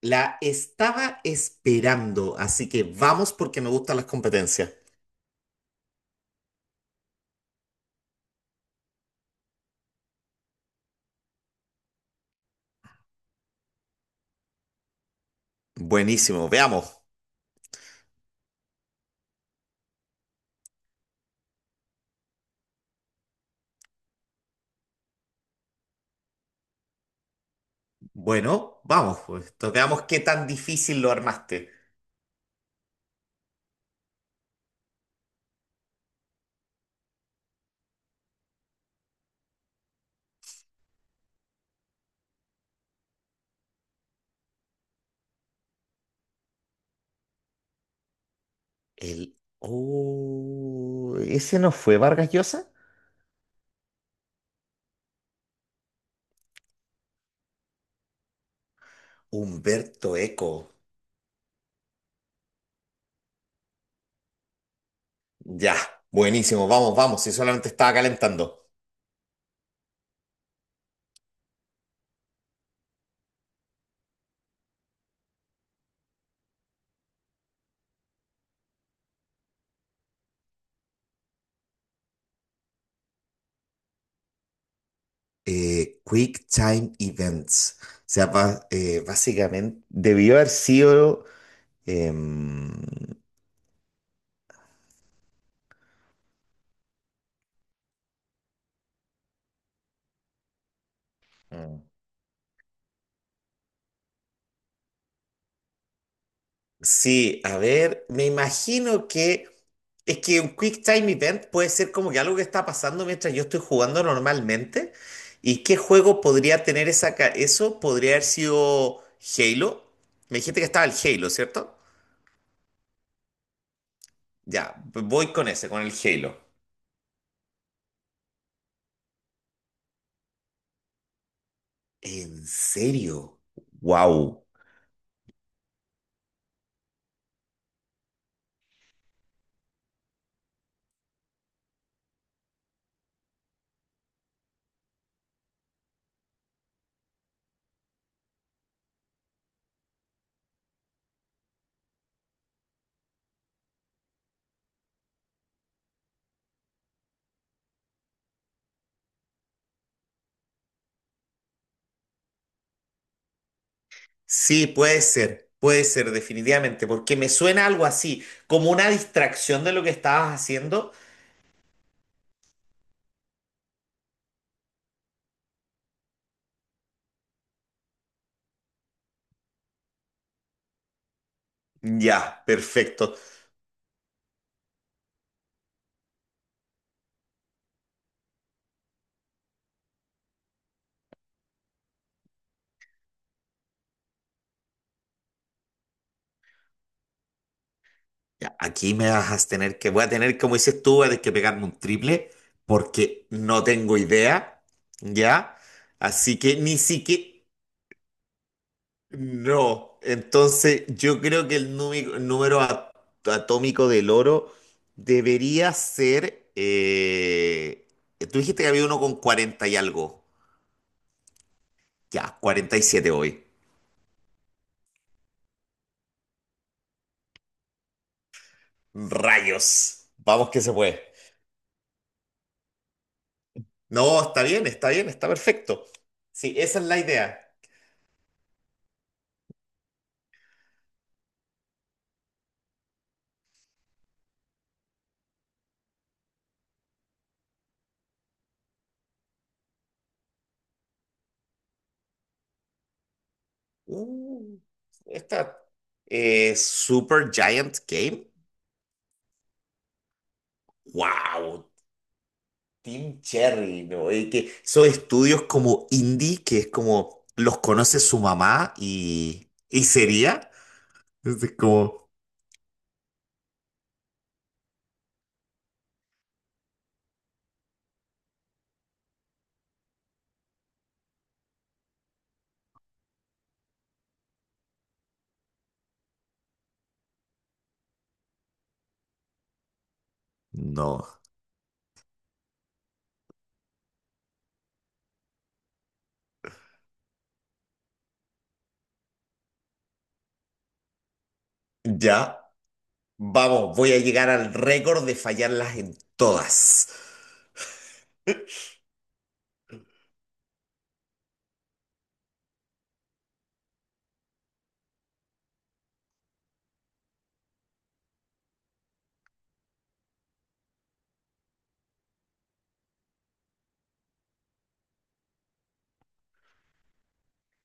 La estaba esperando, así que vamos porque me gustan las competencias. Buenísimo, veamos. Bueno, vamos, pues, entonces veamos qué tan difícil lo armaste. El... Oh, ¿ese no fue Vargas Llosa? Humberto Eco. Ya, buenísimo, vamos, vamos, si solamente estaba calentando. Quick Time Events. O sea, básicamente debió haber sido... em, Sí, a ver, me imagino que es que un Quick Time Event puede ser como que algo que está pasando mientras yo estoy jugando normalmente. ¿Y qué juego podría tener eso? Podría haber sido Halo. Me dijiste que estaba el Halo, ¿cierto? Ya, voy con ese, con el Halo. ¿En serio? Wow. Sí, puede ser, definitivamente, porque me suena algo así, como una distracción de lo que estabas haciendo. Ya, perfecto. Ya, aquí me vas a tener que, voy a tener, como dices tú, voy a tener que pegarme un triple porque no tengo idea, ¿ya? Así que ni siquiera, no. Entonces, yo creo que el número atómico del oro debería ser, tú dijiste que había uno con 40 y algo, ya, 47 hoy. Rayos, vamos que se puede. No, está bien, está bien, está perfecto. Sí, esa es la idea. Uh, esta Super Giant Game. Wow, Team Cherry, ¿no? Y que son estudios como indie, que es como los conoce su mamá y sería. Es como, no. Ya, vamos, voy a llegar al récord de fallarlas en todas.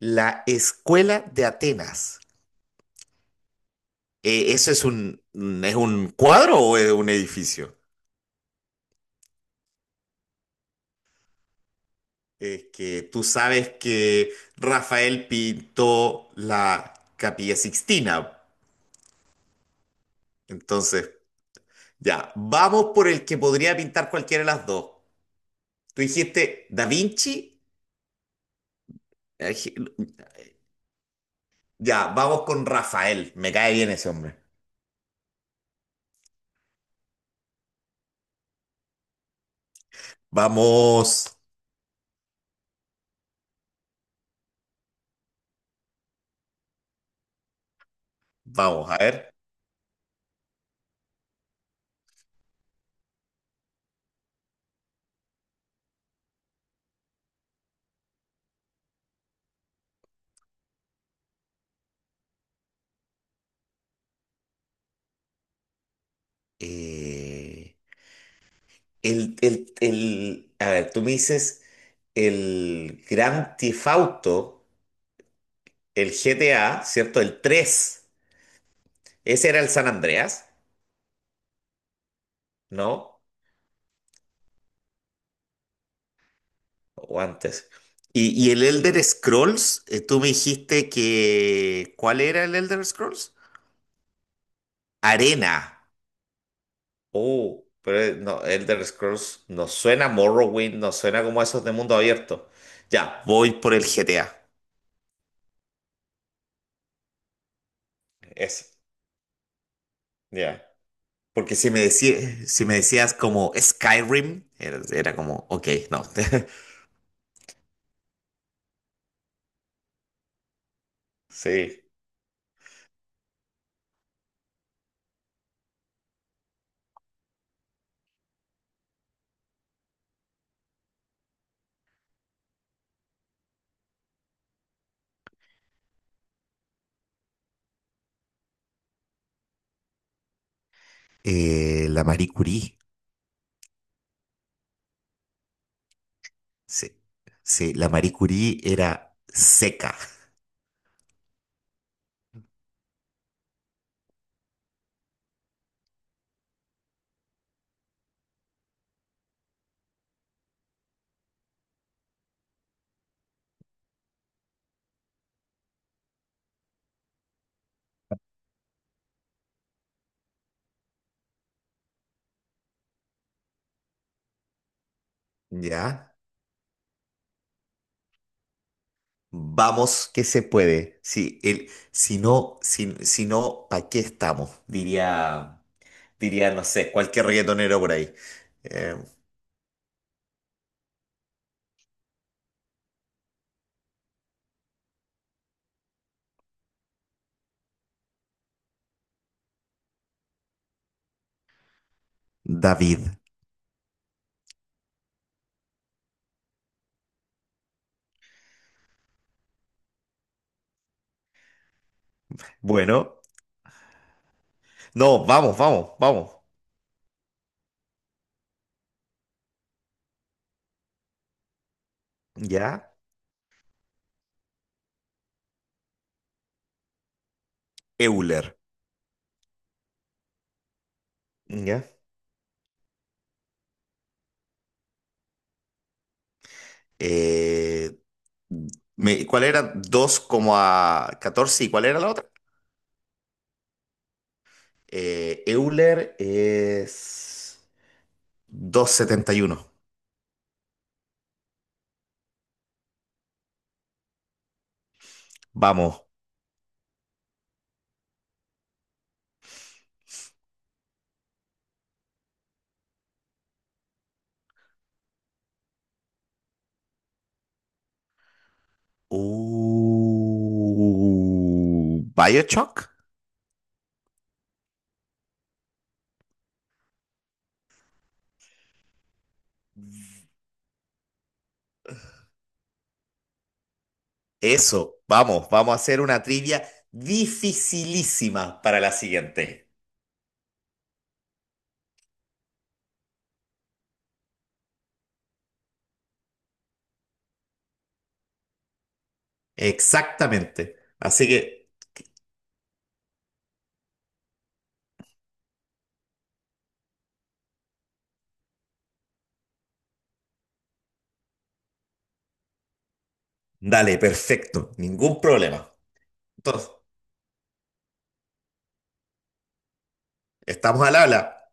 La Escuela de Atenas. ¿Eso es un es un cuadro o es un edificio? Es que tú sabes que Rafael pintó la Capilla Sixtina. Entonces, ya, vamos por el que podría pintar cualquiera de las dos. Tú dijiste Da Vinci. Eh, Ya, vamos con Rafael. Me cae bien ese hombre. Vamos, vamos, a ver. Eh, a ver, tú me dices el Gran Tifauto, el GTA, ¿cierto? ¿El tres, ¿ese era el San Andreas? ¿No? O antes. Y el Elder Scrolls, tú me dijiste que... ¿Cuál era el Elder Scrolls? Arena. Oh, pero no, Elder Scrolls no suena a Morrowind, no suena como esos de mundo abierto. Ya, voy por el GTA. Eso, ya. Porque si me decías, si me decías como Skyrim, era, era como, ok, no. Sí. La Marie Curie. Sí, sí, la Marie Curie era seca, ¿ya? Vamos que se puede. Si, si no, si, si no, ¿para qué estamos? Diría, diría, no sé, cualquier reggaetonero por ahí. Eh, David. Bueno, no, vamos, vamos, vamos. Ya. Euler. Ya. Eh, ¿Cuál era? Dos coma catorce, ¿y cuál era la otra? Euler es doscientos setenta y uno. Vamos. ¿Bioshock? Eso, vamos, vamos a hacer una trivia dificilísima para la siguiente. Exactamente. Así que, dale, perfecto, ningún problema. Entonces, estamos al habla.